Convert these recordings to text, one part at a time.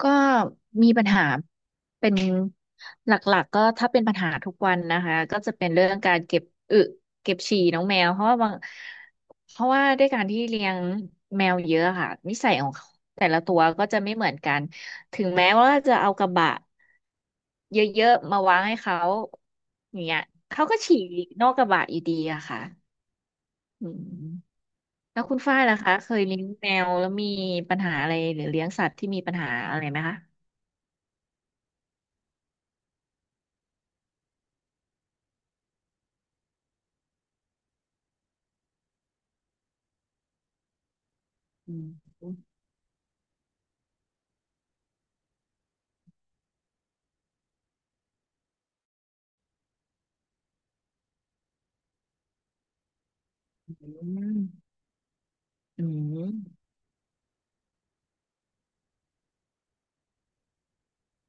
ก็มีปัญหาเป็นหลักๆก็ถ้าเป็นปัญหาทุกวันนะคะก็จะเป็นเรื่องการเก็บอึเก็บฉี่น้องแมวเพราะว่าด้วยการที่เลี้ยงแมวเยอะค่ะนิสัยของแต่ละตัวก็จะไม่เหมือนกันถึงแม้ว่าจะเอากระบะเยอะๆมาวางให้เขาอย่างเงี้ยเขาก็ฉี่นอกกระบะอยู่ดีอะค่ะอืมแล้วคุณฝ้ายล่ะคะเคยเลี้ยงแมวแล้วมีปัญหาอะไรหรือเลี้ยงสัตว์ที่มีปัญหาอะไรไหมคะอืม อืมอืม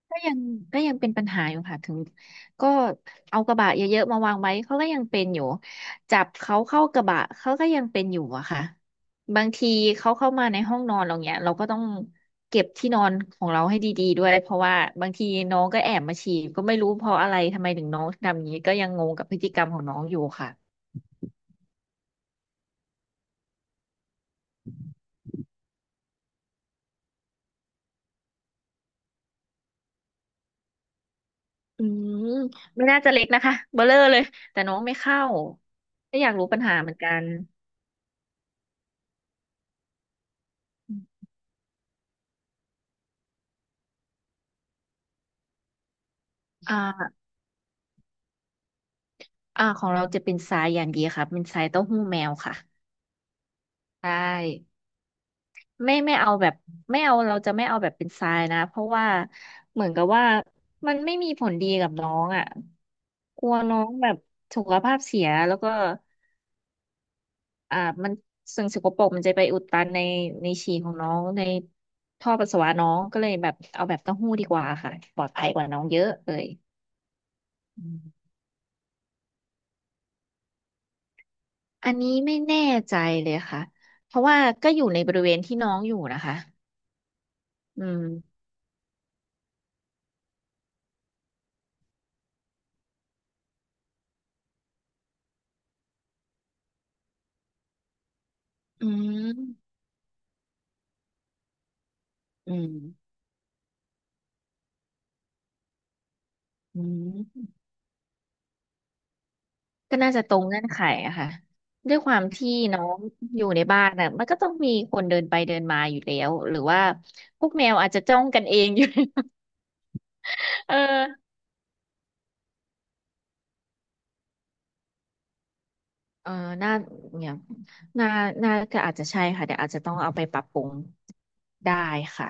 ก็ยังก็ยังเป็นปัญหาอยู่ค่ะถึงก็เอากระบะเยอะๆมาวางไว้เขาก็ยังเป็นอยู่จับเขาเข้ากระบะเขาก็ยังเป็นอยู่อะค่ะบางทีเขาเข้ามาในห้องนอนเราเนี้ยเราก็ต้องเก็บที่นอนของเราให้ดีๆด้วยเพราะว่าบางทีน้องก็แอบมาฉี่ก็ไม่รู้เพราะอะไรทำไมถึงน้องทำอย่างนี้ก็ยังงงกับพฤติกรรมของน้องอยู่ค่ะอืมไม่น่าจะเล็กนะคะเบลอเลยแต่น้องไม่เข้าก็อยากรู้ปัญหาเหมือนกันอ่า ของเราจะเป็นทรายอย่างดีค่ะเป็นทรายเต้าหู้แมวค่ะใช่ไม่เอาแบบไม่เอาเราจะไม่เอาแบบเป็นทรายนะเพราะว่าเหมือนกับว่ามันไม่มีผลดีกับน้องอ่ะกลัวน้องแบบสุขภาพเสียแล้วก็อ่ามันสิ่งสกปรกมันจะไปอุดตันในในฉี่ของน้องในท่อปัสสาวะน้องก็เลยแบบเอาแบบเต้าหู้ดีกว่าค่ะปลอดภัยกว่าน้องเยอะเลยอืมอันนี้ไม่แน่ใจเลยค่ะเพราะว่าก็อยู่ในบริเวณที่น้องอยู่นะคะ อืมอืมอืมอืมก็น่าจะตรงเงื่อนไขอะค่ะด้วยความที่น้องอยู่ในบ้านน่ะมันก็ต้องมีคนเดินไปเดินมาอยู่แล้ว หรือว่าพวกแมวอาจจะจ้องกันเองอยู่ เออเออน่าเนี่ยน่าน่าก็อาจจะใช่ค่ะเดี๋ยวอาจจะต้องเอาไปปรับปรุงได้ค่ะ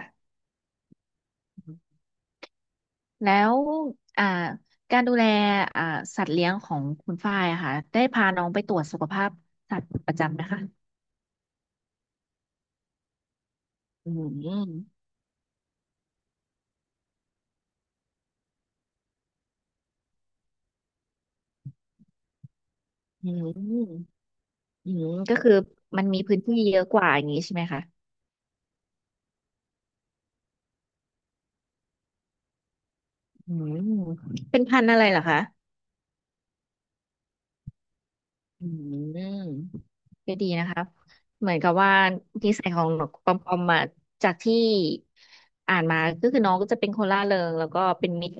แล้วอ่าการดูแลอ่าสัตว์เลี้ยงของคุณฝ้ายอะค่ะได้พาน้องไปตรวจสุขภาพสัตว์ประจำไหมคะอืม อืมอืมก็คือมันมีพื้นที่เยอะกว่าอย่างนี้ใช่ไหมคะอืมเป็นพันธุ์อะไรเหรอคะอืมก็ดีนะคะเหมือนกับว่านิสัยของนกปอมปอมมาจากที่อ่านมาก็คือน้องก็จะเป็นคนร่าเริงแล้วก็เป็นมิตร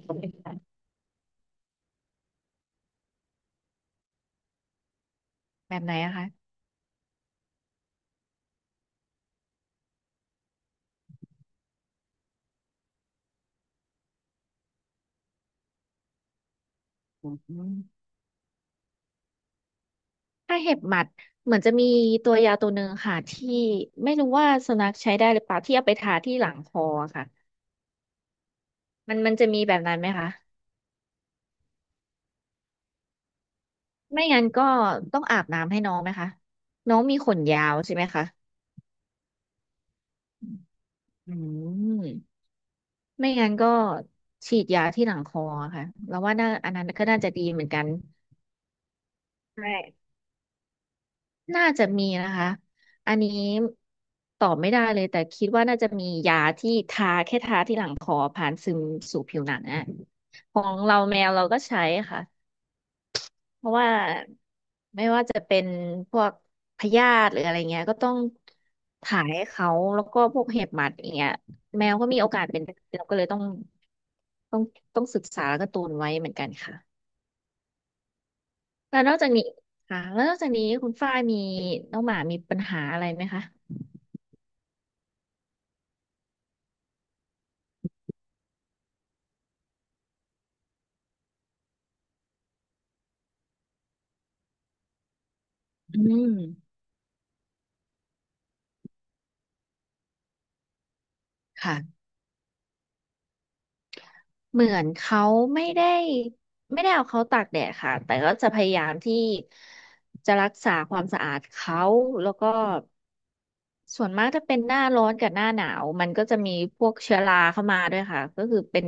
แบบไหนอะคะอืมถ้าเห็บหมัดเหมือนจะมีตัวยาตัวหนึ่งค่ะที่ไม่รู้ว่าสุนัขใช้ได้หรือเปล่าที่เอาไปทาที่หลังคอค่ะมันมันจะมีแบบนั้นไหมคะ ไม่งั้นก็ต้องอาบน้ำให้น้องไหมคะน้องมีขนยาวใช่ไหมคะอืมไม่งั้นก็ฉีดยาที่หลังคอค่ะแล้วว่าน่าอันนั้นก็น่าจะดีเหมือนกันใช่น่าจะมีนะคะอันนี้ตอบไม่ได้เลยแต่คิดว่าน่าจะมียาที่ทาแค่ทาที่หลังคอผ่านซึมสู่ผิวหนังอะของเราแมวเราก็ใช้ค่ะ เพราะว่าไม่ว่าจะเป็นพวกพยาธิหรืออะไรเงี้ยก็ต้องถ่ายให้เขาแล้วก็พวกเห็บหมัดอย่างเงี้ยแมวก็มีโอกาสเป็นเราก็เลยต้องต้องศึกษาแล้วก็ตูนไว้เหมือนกันค่ะแล้วนอกจากนี้ค่ะแล้วนอกจากนี้คุณฝ้ายมีน้องหมามีปัญหาอะไรไหมคะอืมค่ะ เหมือนเขาไม่ได้ไม่ได้เอาเขาตากแดดค่ะแต่ก็จะพยายามที่จะรักษาความสะอาดเขาแล้วก็ส่วนมากถ้าเป็นหน้าร้อนกับหน้าหนาวมันก็จะมีพวกเชื้อราเข้ามาด้วยค่ะก็คือเป็น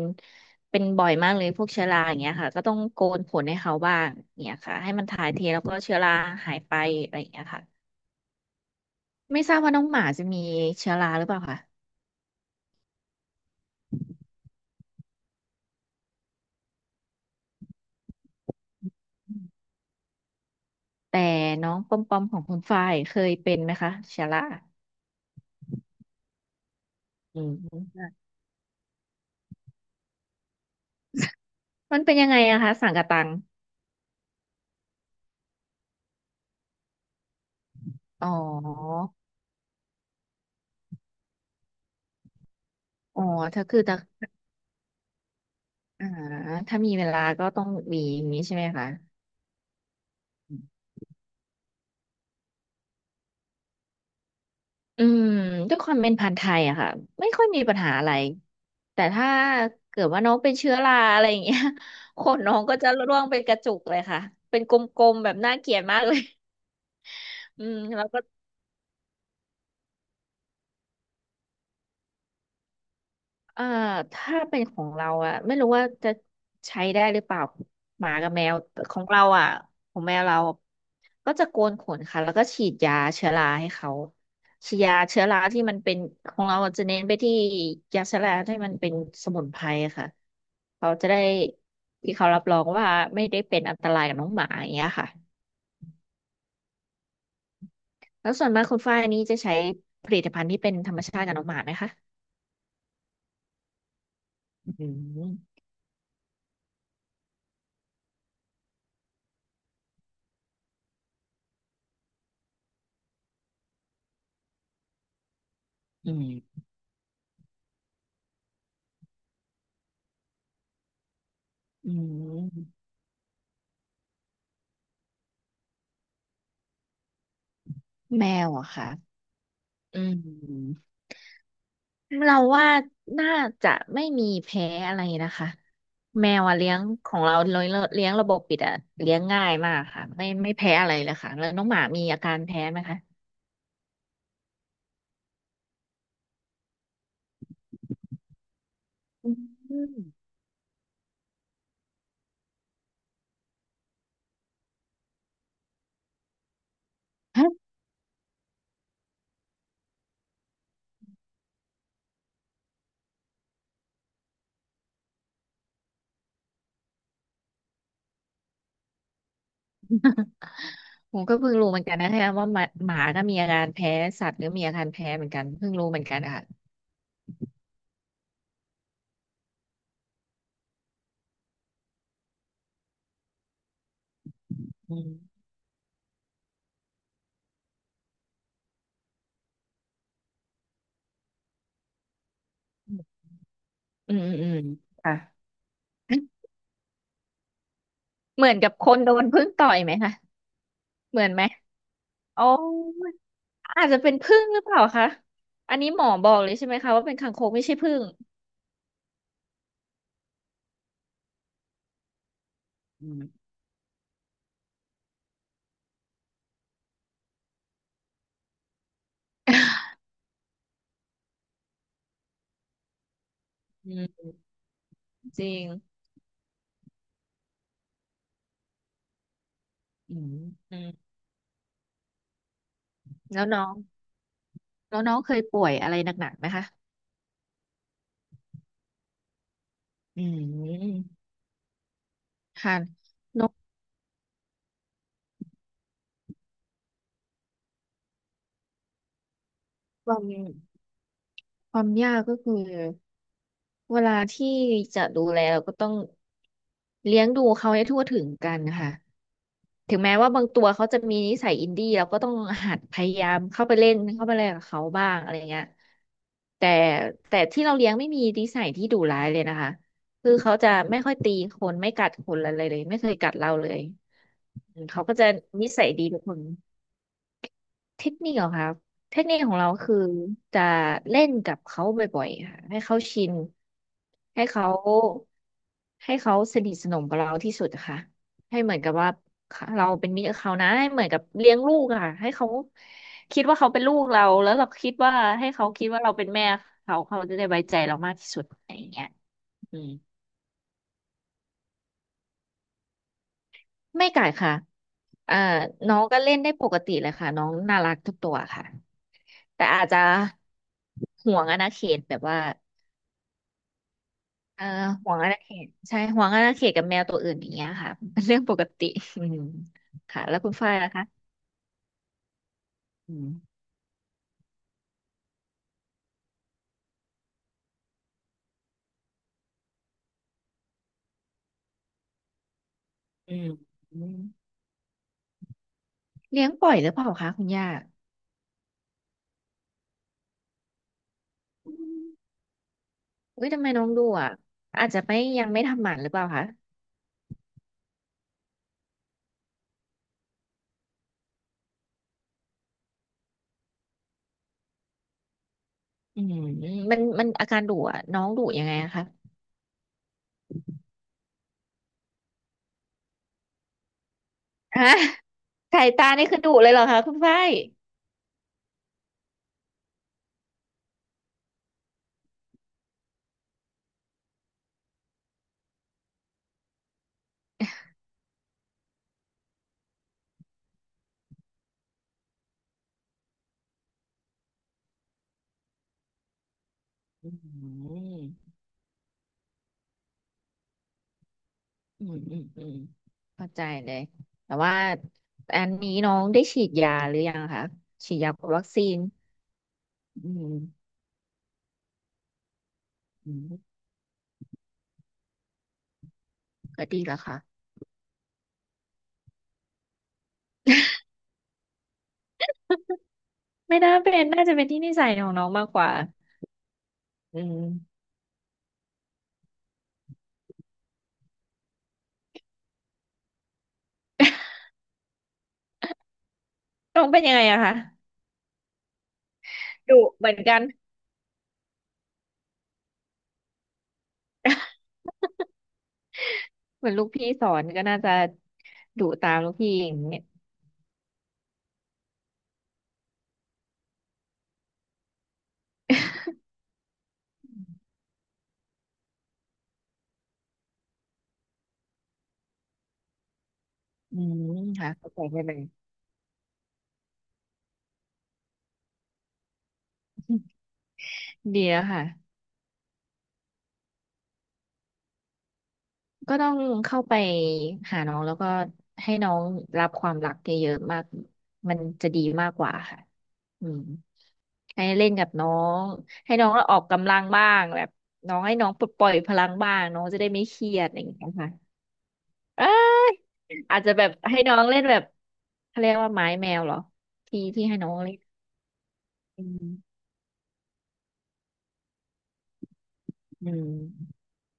เป็นบ่อยมากเลยพวกเชื้อราอย่างเงี้ยค่ะก็ต้องโกนขนให้เขาบ้างเนี่ยค่ะให้มันถ่ายเทแล้วก็เชื้อราหายไปอะไรอย่างเงี้ยค่ะไม่ทราบว่าน้องหมาจะมีเชื้อราหรือเปล่าคะแต่น้องปอมปอมของคุณฝ้ายเคยเป็นไหมคะเชื้อรา อืมมันเป็นยังไงอะคะสังกะตังอ๋ออ๋อถ้าอ่าถ้ามีเวลาก็ต้องมีอย่างนี้ใช่ไหมคะอือืมด้วยความเป็นพันธุ์ไทยอะค่ะไม่ค่อยมีปัญหาอะไรแต่ถ้าเกิดว่าน้องเป็นเชื้อราอะไรอย่างเงี้ย ขนน้องก็จะร่วงเป็นกระจุกเลยค่ะเป็นกลมๆแบบน่าเกลียดมากเลยอืมแล้วก็ เอ่อถ้าเป็นของเราอะไม่รู้ว่าจะใช้ได้หรือเปล่าหมากับแมวแต่ของเราอะของแมวเราก็จะโกนขนค่ะแล้วก็ฉีดยาเชื้อราให้เขาฉีดยาเชื้อราที่มันเป็นของเราจะเน้นไปที่ยาเชื้อราที่มันเป็นสมุนไพรค่ะเขาจะได้ที่เขารับรองว่าไม่ได้เป็นอันตรายกับน้องหมาอย่างเงี้ยค่ะแล้วส่วนมากคุณฝ้ายนี่จะใช้ผลิตภัณฑ์ที่เป็นธรรมชาติกับน้องหมาไหมคะอืมอืมอืมแมวอะค่ะ อืมเราว่าน่าจะไม่มีแพ้อะไรนะคะแมวอะเลี้ยงของเราเลี้ยงเลี้ยงระบบปิดอะเลี้ยงง่ายมากค่ะไม่แพ้อะไรเลยค่ะแล้วน้องหมามีอาการแพ้ไหมคะอืม ฮะผมก็เพิ่งรู้เหมือนกันนะคะว่าหมาก็มีอาการแพ้สัตว์ก็มีอาการแพ้เหมือนกันเพิ่งรู้เหมือนกันอะค่ะอืมอืมอืมอืมค่ะ เหมือนกับคนโดนผึ้งต่อยไหมคะเหมือนไหมโอ้ อาจจะเป็นผึ้งหรือเปล่าคะ อันนี้หมอบอกเลยใช่ไหมคะว่าเป็นคางคกไม่ใช่ผึ้งอืมอืมจริงอืมอืมแล้วน้องแล้วน้องเคยป่วยอะไรหนักๆไหมคะ อืม ค่ะน้องความความยากก็คือเวลาที่จะดูแลเราก็ต้องเลี้ยงดูเขาให้ทั่วถึงกันค่ะ ถึงแม้ว่าบางตัวเขาจะมีนิสัยอินดี้เราก็ต้องหัดพยายามเข้าไปเล่นกับเขาบ้างอะไรเงี้ยแต่แต่ที่เราเลี้ยงไม่มีนิสัยที่ดุร้ายเลยนะคะคือเขาจะไม่ค่อยตีคนไม่กัดคนอะไรเลยไม่เคยกัดเราเลยอืมเขาก็จะนิสัยดีทุกคน เทคนิคเหรอครับเทคนิคของเราคือจะเล่นกับเขาบ่อยๆค่ะให้เขาชินให้เขาให้เขาสนิทสนมกับเราที่สุดอะค่ะให้เหมือนกับว่าเราเป็นมิตรกับเขานะให้เหมือนกับเลี้ยงลูกอะค่ะให้เขาคิดว่าเขาเป็นลูกเราแล้วเราคิดว่าให้เขาคิดว่าเราเป็นแม่เขาจะได้ไว้ใจเรามากที่สุดอะไรอย่างเงี้ยอืมไม่กัดค่ะอ่าน้องก็เล่นได้ปกติเลยค่ะน้องน่ารักทุกตัวค่ะ แต่อาจจะห่วงอาณาเขตแบบว่าเออห่วงอาณาเขตใช่ห่วงอาณาเขตกับแมวตัวอื่นอย่างเงี้ยค่ะเป็นเรื่องปกติอืมค่ะแล้วคุณฝ้ายล่ะคะอืมอืมอืมเลี้ยงปล่อยหรือเปล่าคะคุณย่าอืมอุ้ยทำไมน้องดุอ่ะอาจจะไม่ยังไม่ทำหมันหรือเปล่าคะอืมมันอาการดุอ่ะน้องดุยังไงอะคะฮะ สายตานี่คือดุเลยเหรอคะคุณฝ้ายอืม อืมอืมอืมเข้าใจเลยแต่ว่าอันนี้น้องได้ฉีดยาหรือยังคะฉีดยากับวัคซีนอืมอืมก็ดีแล้วค่ะไม่น่าเป็นน่าจะเป็นที่นิสัยของน้องมากกว่าอืมน้องเป็นยังไงอะคะดุเหมือนกันเหมือนลูกพี่สอนก็น่าจะดุตามลูกพี่อย่างเงี้ยอืมค่ะเข้าใจได้เลย ดีแล้วค่ะ ก็ต้องเข้าไปหาน้องแล้วก็ให้น้องรับความรักเยอะๆมากมันจะดีมากกว่าค่ะอืมให้เล่นกับน้อง ให้น้องออกกำลังบ้างแบบ น้องให้น้องปลดปล่อยพลังบ้างน้องจะได้ไม่เครียดอะไรอย่างเงี้ยค่ะเอ้ยอาจจะแบบให้น้องเล่นแบบเขาเรียกว่าไม้แมวเหรอที่ที่ให้น้องเล่นอืมอืม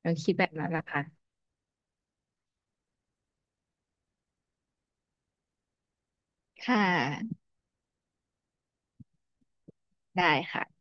เราคิดแบบนั้นละค่ะค่ะได้ค่ะ